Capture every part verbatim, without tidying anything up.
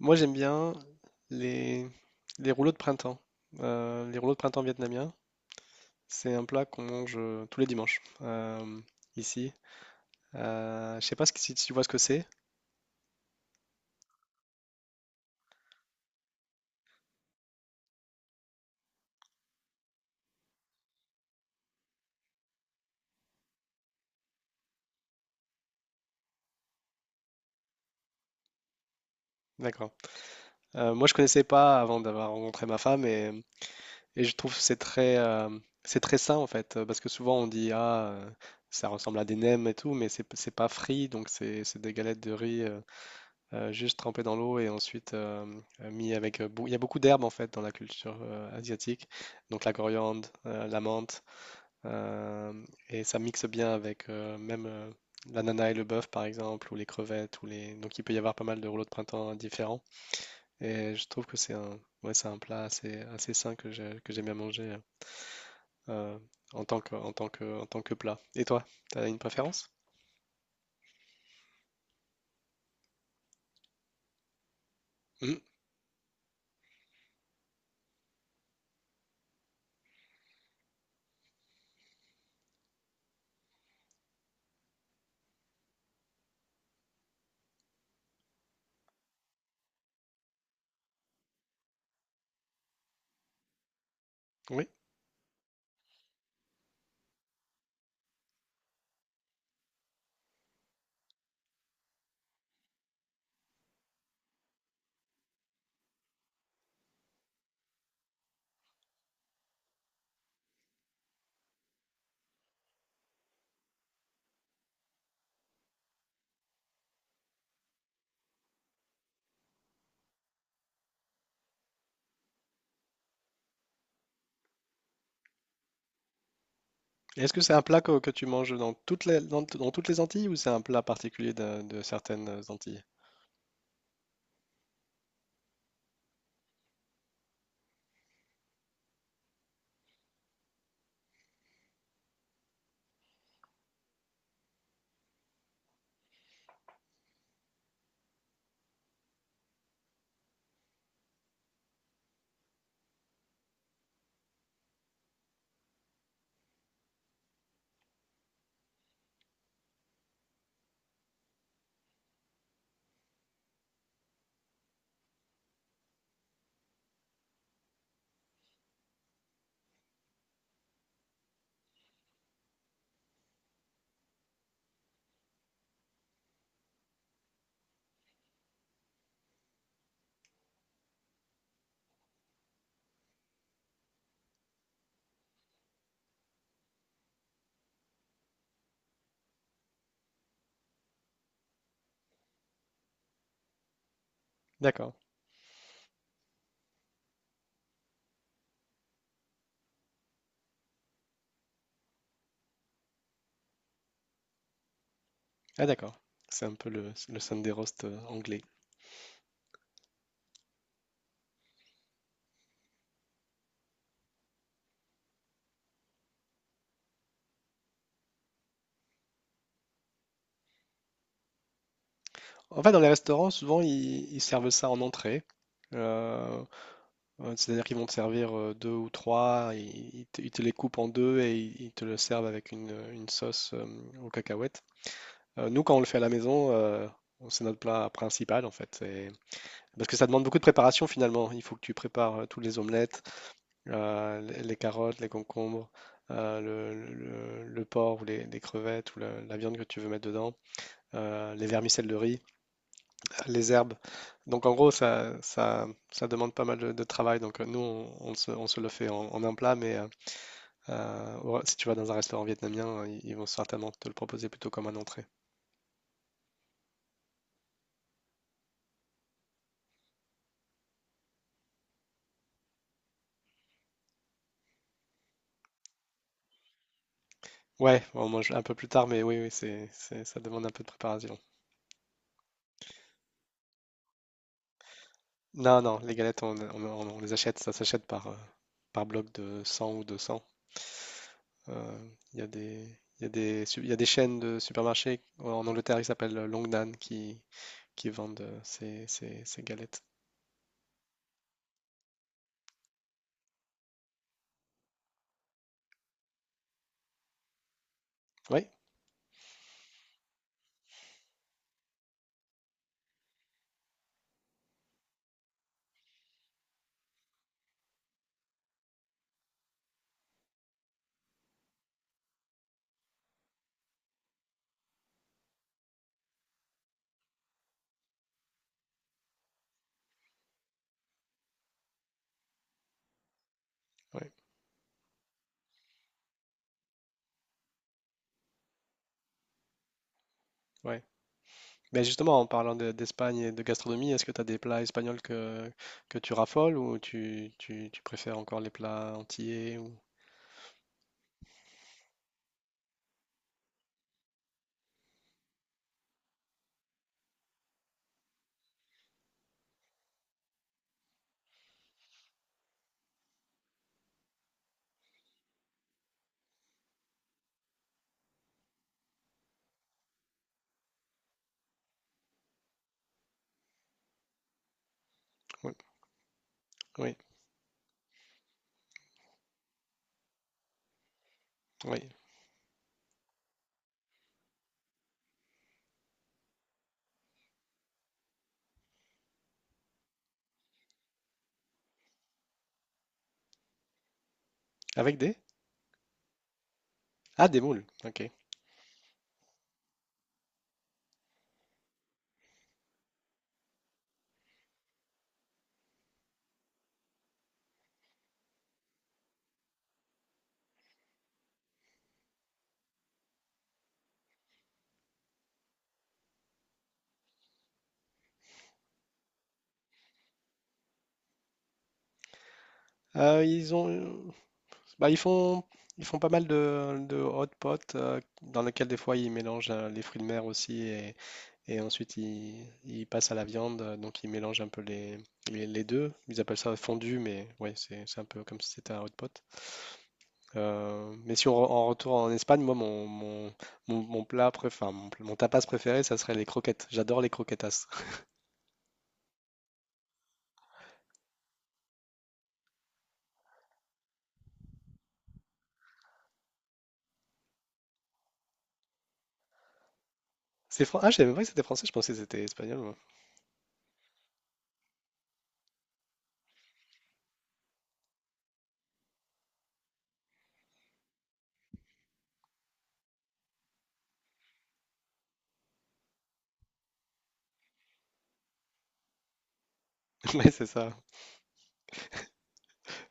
Moi, j'aime bien les, les rouleaux de printemps. Euh, les rouleaux de printemps vietnamiens, c'est un plat qu'on mange euh, tous les dimanches euh, ici. Euh, je sais pas ce que- si tu vois ce que c'est. D'accord. Euh, moi, je connaissais pas avant d'avoir rencontré ma femme et, et je trouve que c'est très, euh, c'est très sain en fait, euh, parce que souvent on dit ah euh, ça ressemble à des nems et tout, mais c'est c'est pas frit, donc c'est c'est des galettes de riz. Euh, euh, juste trempé dans l'eau et ensuite euh, euh, mis avec. euh, bou- Il y a beaucoup d'herbes en fait dans la culture euh, asiatique, donc la coriandre, euh, la menthe, euh, et ça mixe bien avec euh, même euh, l'ananas et le bœuf par exemple, ou les crevettes, ou les. Donc il peut y avoir pas mal de rouleaux de printemps différents. Et je trouve que c'est un, ouais, c'est un plat assez, assez sain que j'ai- que j'aime bien manger euh, en tant que, en tant que, en tant que plat. Et toi, t'as une préférence? Mhm. Oui. Est-ce que c'est un plat que, que tu manges dans toutes les, dans, dans toutes les Antilles ou c'est un plat particulier de, de certaines Antilles? D'accord. Ah d'accord. C'est un peu le, le Sunday roast euh, anglais. En fait, dans les restaurants, souvent, ils, ils servent ça en entrée. Euh, euh, C'est-à-dire qu'ils vont te servir euh, deux ou trois, ils, ils te, ils te les coupent en deux et ils, ils te le servent avec une, une sauce euh, aux cacahuètes. Euh, nous, quand on le fait à la maison, euh, c'est notre plat principal en fait. Et- Parce que ça demande beaucoup de préparation finalement. Il faut que tu prépares euh, toutes les omelettes, euh, les les carottes, les concombres, euh, le, le- le porc ou les, les crevettes ou la, la viande que tu veux mettre dedans, euh, les vermicelles de riz, les herbes. Donc en gros, ça, ça, ça demande pas mal de, de travail. Donc euh, nous, on, on se, on se le fait en, en un plat, mais euh, euh, au- si tu vas dans un restaurant vietnamien, euh, ils ils vont certainement te le proposer plutôt comme un entrée. Ouais, on mange un peu plus tard, mais oui, oui, c'est, c'est- ça demande un peu de préparation. Non, non, les galettes, on, on- on- on les achète, ça s'achète par, euh, par bloc de cent ou deux cents. Euh, Il y a des, il y a des, su- il y a des chaînes de supermarchés en Angleterre qui s'appellent Longnan qui, qui vendent euh, ces, ces- ces galettes. Oui, oui, oui. Mais justement, en parlant de- d'Espagne et de gastronomie, est-ce que tu as des plats espagnols que, que tu raffoles ou tu, tu- tu préfères encore les plats antillais ou... Oui, oui, oui. Avec des? Ah, des moules, ok. Euh, ils ont, bah, ils font, ils font pas mal de, de hot pot euh, dans lesquels des fois ils mélangent euh, les fruits de mer aussi. Et ensuite, ils il passent à la viande, donc ils mélangent un peu les, les, les deux. Ils appellent ça fondu, mais ouais, c'est c'est un peu comme si c'était un hot pot. Euh, mais si on re- en retourne en Espagne, moi, mon, mon, mon, mon plat préféré, enfin, mon, pl- mon tapas préféré, ça serait les croquettes. J'adore les croquetas. C'est fran- Ah, je savais même pas que c'était français, je pensais que c'était espagnol. Moi. Ouais, c'est ça.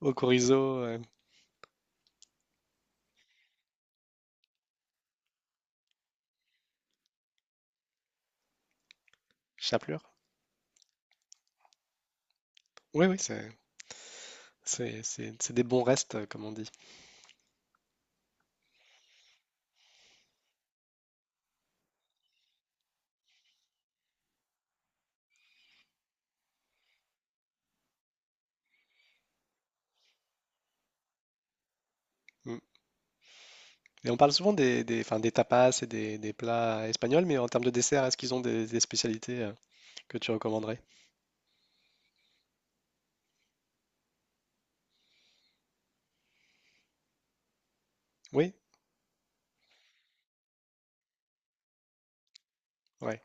Au chorizo, euh, chapelure. Oui, oui, c'est c'est- c'est- c'est des bons restes, comme on dit. Mm. Et on parle souvent des, des, enfin, des tapas et des, des plats espagnols, mais en termes de dessert, est-ce qu'ils ont des, des spécialités euh, que tu recommanderais? Oui, ouais.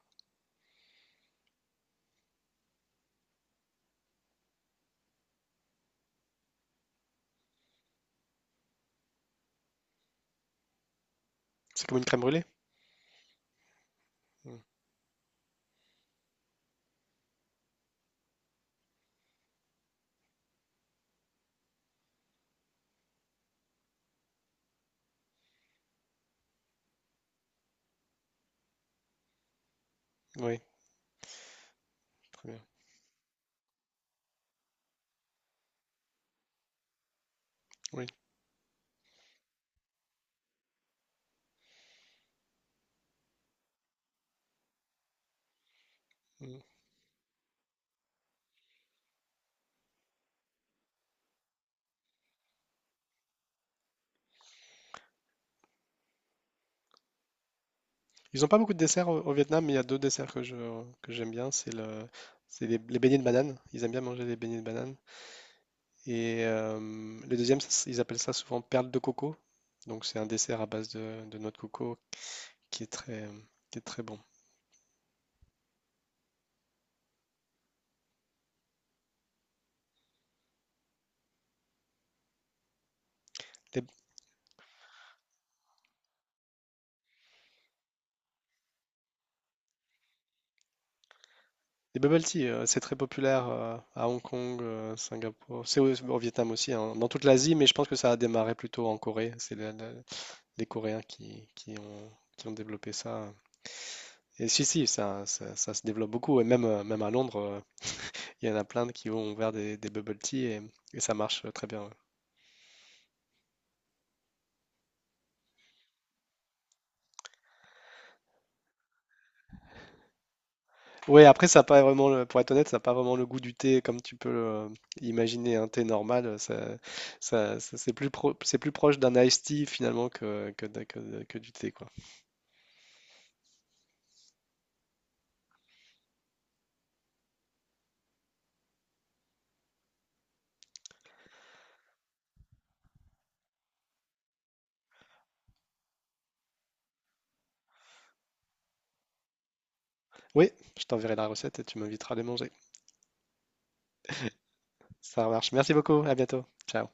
C'est comme une crème brûlée? Mm. Oui, très bien. Oui. Mm. Ils n'ont pas beaucoup de desserts au, au Vietnam, mais il y a deux desserts que je, que j'aime bien. C'est le, c'est les, les beignets de banane. Ils aiment bien manger les beignets de banane. Et euh, le deuxième, ça, ils appellent ça souvent perles de coco. Donc c'est un dessert à base de, de noix de coco qui est très, qui est très bon. Des bubble tea, euh, c'est très populaire euh, à Hong Kong, euh, Singapour, c'est au, au Vietnam aussi, hein, dans toute l'Asie, mais je pense que ça a démarré plutôt en Corée. C'est la- la- les Coréens qui, qui ont, qui ont développé ça. Et si, si, ça, ça, ça se développe beaucoup. Et même, euh, même à Londres, euh, il y en a plein qui ont ouvert des, des bubble tea et, et ça marche euh, très bien. Ouais. Oui, après, ça n'a pas vraiment, le- pour être honnête, ça n'a pas vraiment le goût du thé comme tu peux euh, imaginer un thé normal. euh, Ça, ça- ça- c'est plus pro- c'est plus proche d'un iced tea finalement que, que, de- que de- que du thé, quoi. Oui, je t'enverrai la recette et tu m'inviteras à les manger. Ça marche. Merci beaucoup. À bientôt. Ciao.